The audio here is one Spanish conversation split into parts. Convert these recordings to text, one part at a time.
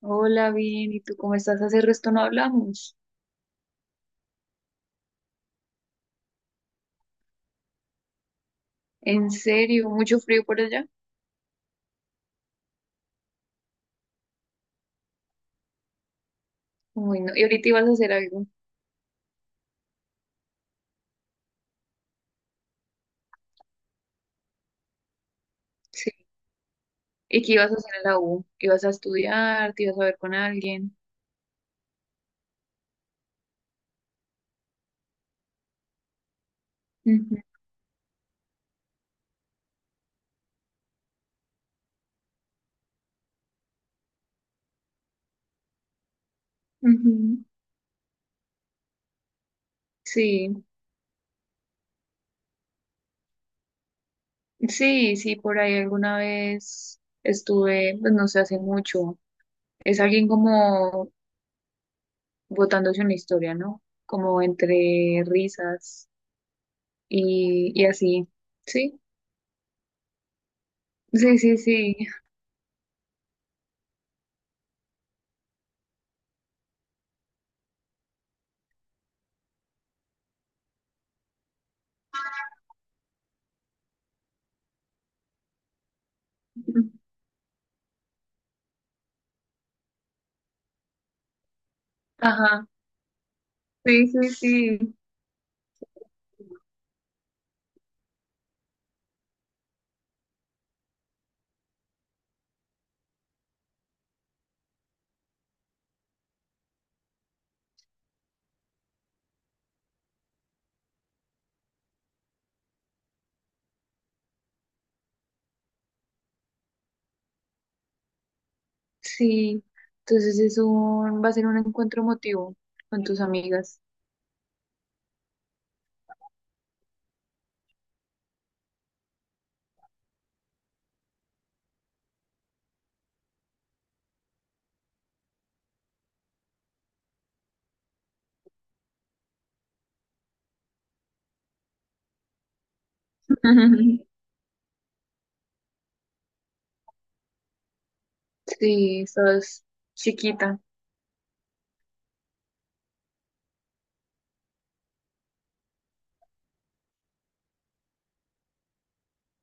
Hola, bien, ¿y tú cómo estás? Hace resto no hablamos. En serio, mucho frío por allá. Uy, no. Y ahorita ibas a hacer algo. Sí. ¿Y qué ibas a hacer en la U? ¿Ibas a estudiar? ¿Te ibas a ver con alguien? Ujú, ujú. Sí, sí, sí, por ahí alguna vez estuve, pues no sé, hace mucho. Es alguien como botándose una historia, ¿no? Como entre risas y así. Sí, sí, sí, sí. Ajá, sí, sí, sí. Sí, va a ser un encuentro emotivo con tus amigas. Sí, sos chiquita.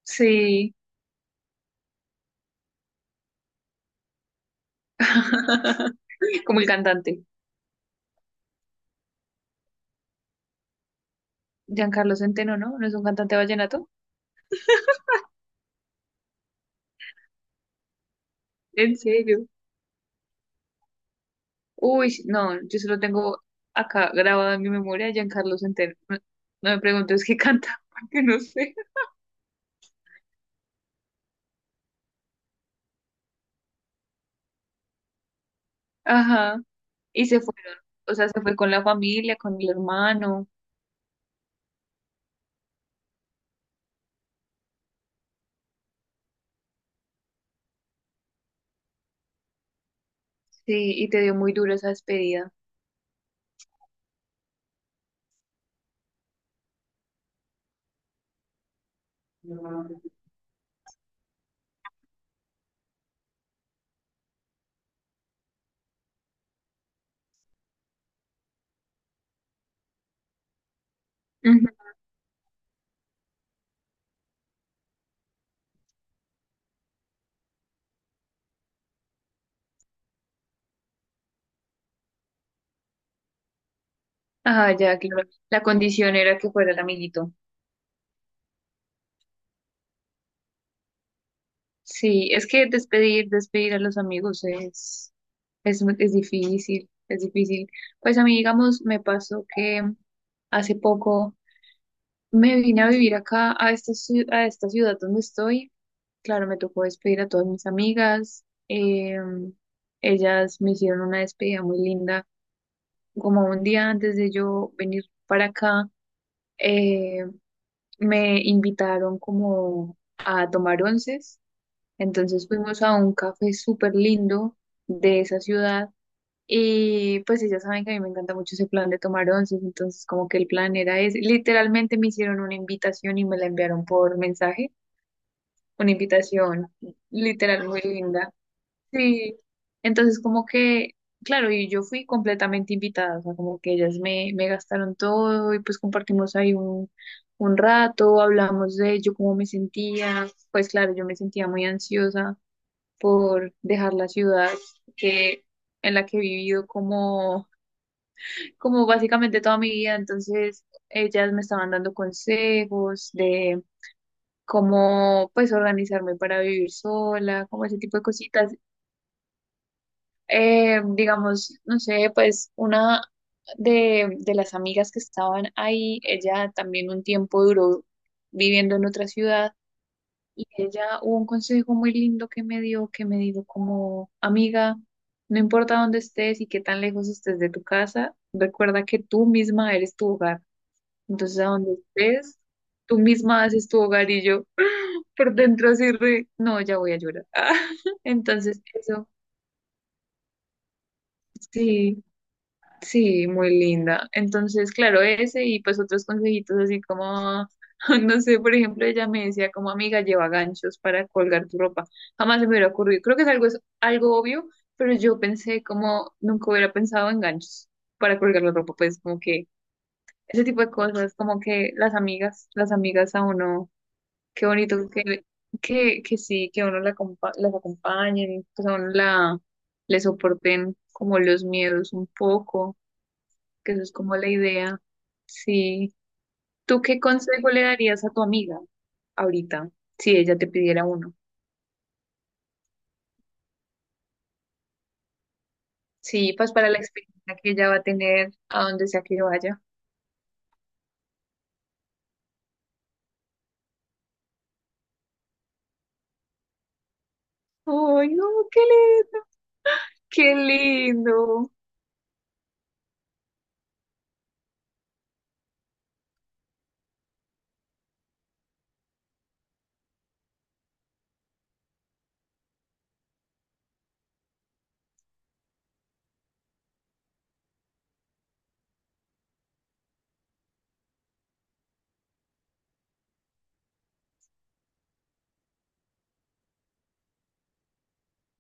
Sí. Como el cantante. Giancarlo Centeno, ¿no? ¿No es un cantante vallenato? ¿En serio? Uy, sí, no, yo solo tengo acá grabado en mi memoria a Giancarlo Centeno. No, no me preguntes qué canta, porque no sé. Ajá. Y se fueron. O sea, se fue con la familia, con el hermano. Sí, y te dio muy duro esa despedida. Ujú. Ah, ya, claro. La condición era que fuera el amiguito. Sí, es que despedir, despedir a los amigos es difícil, es difícil. Pues a mí, digamos, me pasó que hace poco me vine a vivir acá, a a esta ciudad donde estoy. Claro, me tocó despedir a todas mis amigas. Ellas me hicieron una despedida muy linda, como un día antes de yo venir para acá. eh, Me invitaron como a tomar onces, entonces fuimos a un café súper lindo de esa ciudad y pues sí, ya saben que a mí me encanta mucho ese plan de tomar onces, entonces como que el plan era ese, literalmente me hicieron una invitación y me la enviaron por mensaje, una invitación literal muy linda. Sí, entonces como que, claro, y yo fui completamente invitada, o sea, como que ellas me gastaron todo y pues compartimos ahí un rato, hablamos de yo cómo me sentía, pues claro, yo me sentía muy ansiosa por dejar la ciudad que, en la que he vivido como básicamente toda mi vida, entonces ellas me estaban dando consejos de cómo pues organizarme para vivir sola, como ese tipo de cositas. Digamos, no sé, pues una de las amigas que estaban ahí, ella también un tiempo duró viviendo en otra ciudad y ella hubo un consejo muy lindo que me dio, que me dijo como, amiga, no importa dónde estés y qué tan lejos estés de tu casa, recuerda que tú misma eres tu hogar. Entonces, a donde estés, tú misma haces tu hogar y yo por dentro así re, no, ya voy a llorar. Entonces, eso, sí. Sí, muy linda. Entonces, claro, ese y pues otros consejitos así como, no sé, por ejemplo, ella me decía como amiga, lleva ganchos para colgar tu ropa. Jamás se me hubiera ocurrido. Creo que es algo obvio, pero yo pensé como nunca hubiera pensado en ganchos para colgar la ropa. Pues como que ese tipo de cosas, como que las amigas a uno, qué bonito que, que sí, que a uno acompa- las acompañen, pues a uno le soporten como los miedos un poco, que eso es como la idea. Sí. ¿Tú qué consejo le darías a tu amiga ahorita si ella te pidiera uno? Sí, pues para la experiencia que ella va a tener a donde sea que vaya. Ay, no, qué lindo, qué lindo.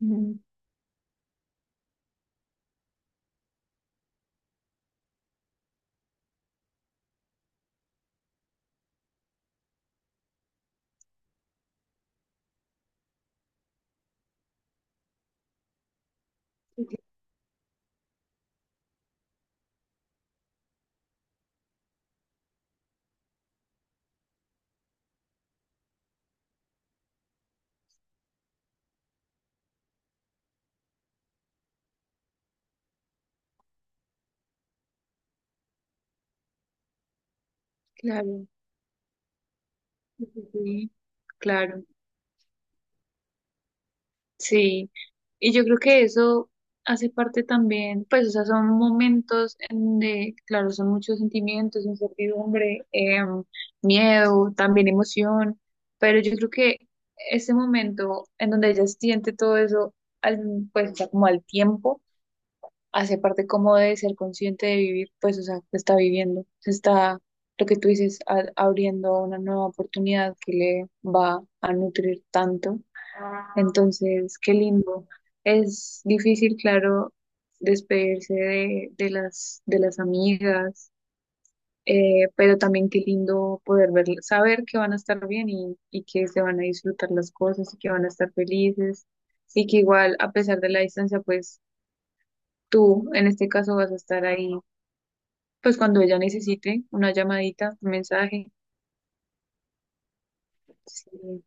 Mm. Claro, sí, claro. Sí, y yo creo que eso hace parte también, pues, o sea, son momentos claro, son muchos sentimientos, incertidumbre, miedo, también emoción, pero yo creo que ese momento en donde ella siente todo eso, al, pues, o sea, como al tiempo, hace parte como de ser consciente de vivir, pues, o sea, se está viviendo, se está, lo que tú dices, a- abriendo a una nueva oportunidad que le va a nutrir tanto. Entonces, qué lindo. Es difícil, claro, despedirse de de las amigas, pero también qué lindo poder ver, saber que van a estar bien y que se van a disfrutar las cosas y que van a estar felices y que igual, a pesar de la distancia, pues tú en este caso vas a estar ahí, pues cuando ella necesite una llamadita, un mensaje. Sí,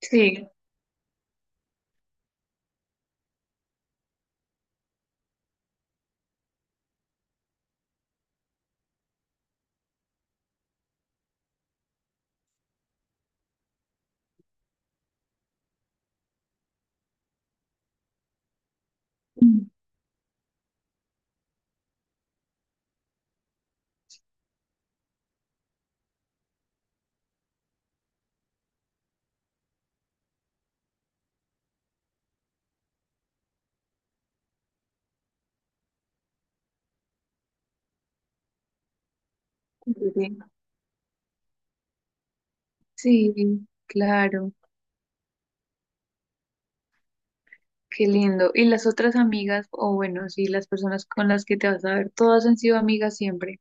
sí, sí, sí. Sí, claro. Qué lindo. ¿Y las otras amigas, o bueno, sí, las personas con las que te vas a ver, todas han sido amigas siempre?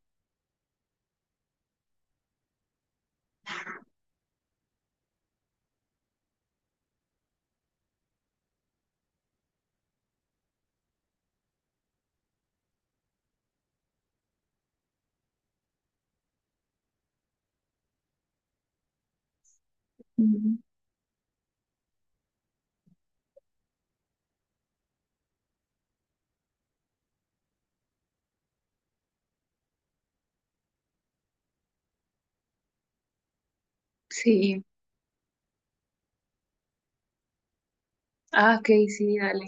Ujú. Sí. Ah, ok, sí, dale.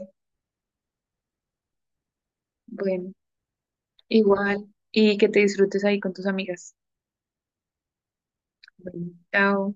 Bueno, igual. Y que te disfrutes ahí con tus amigas. Bueno, chao.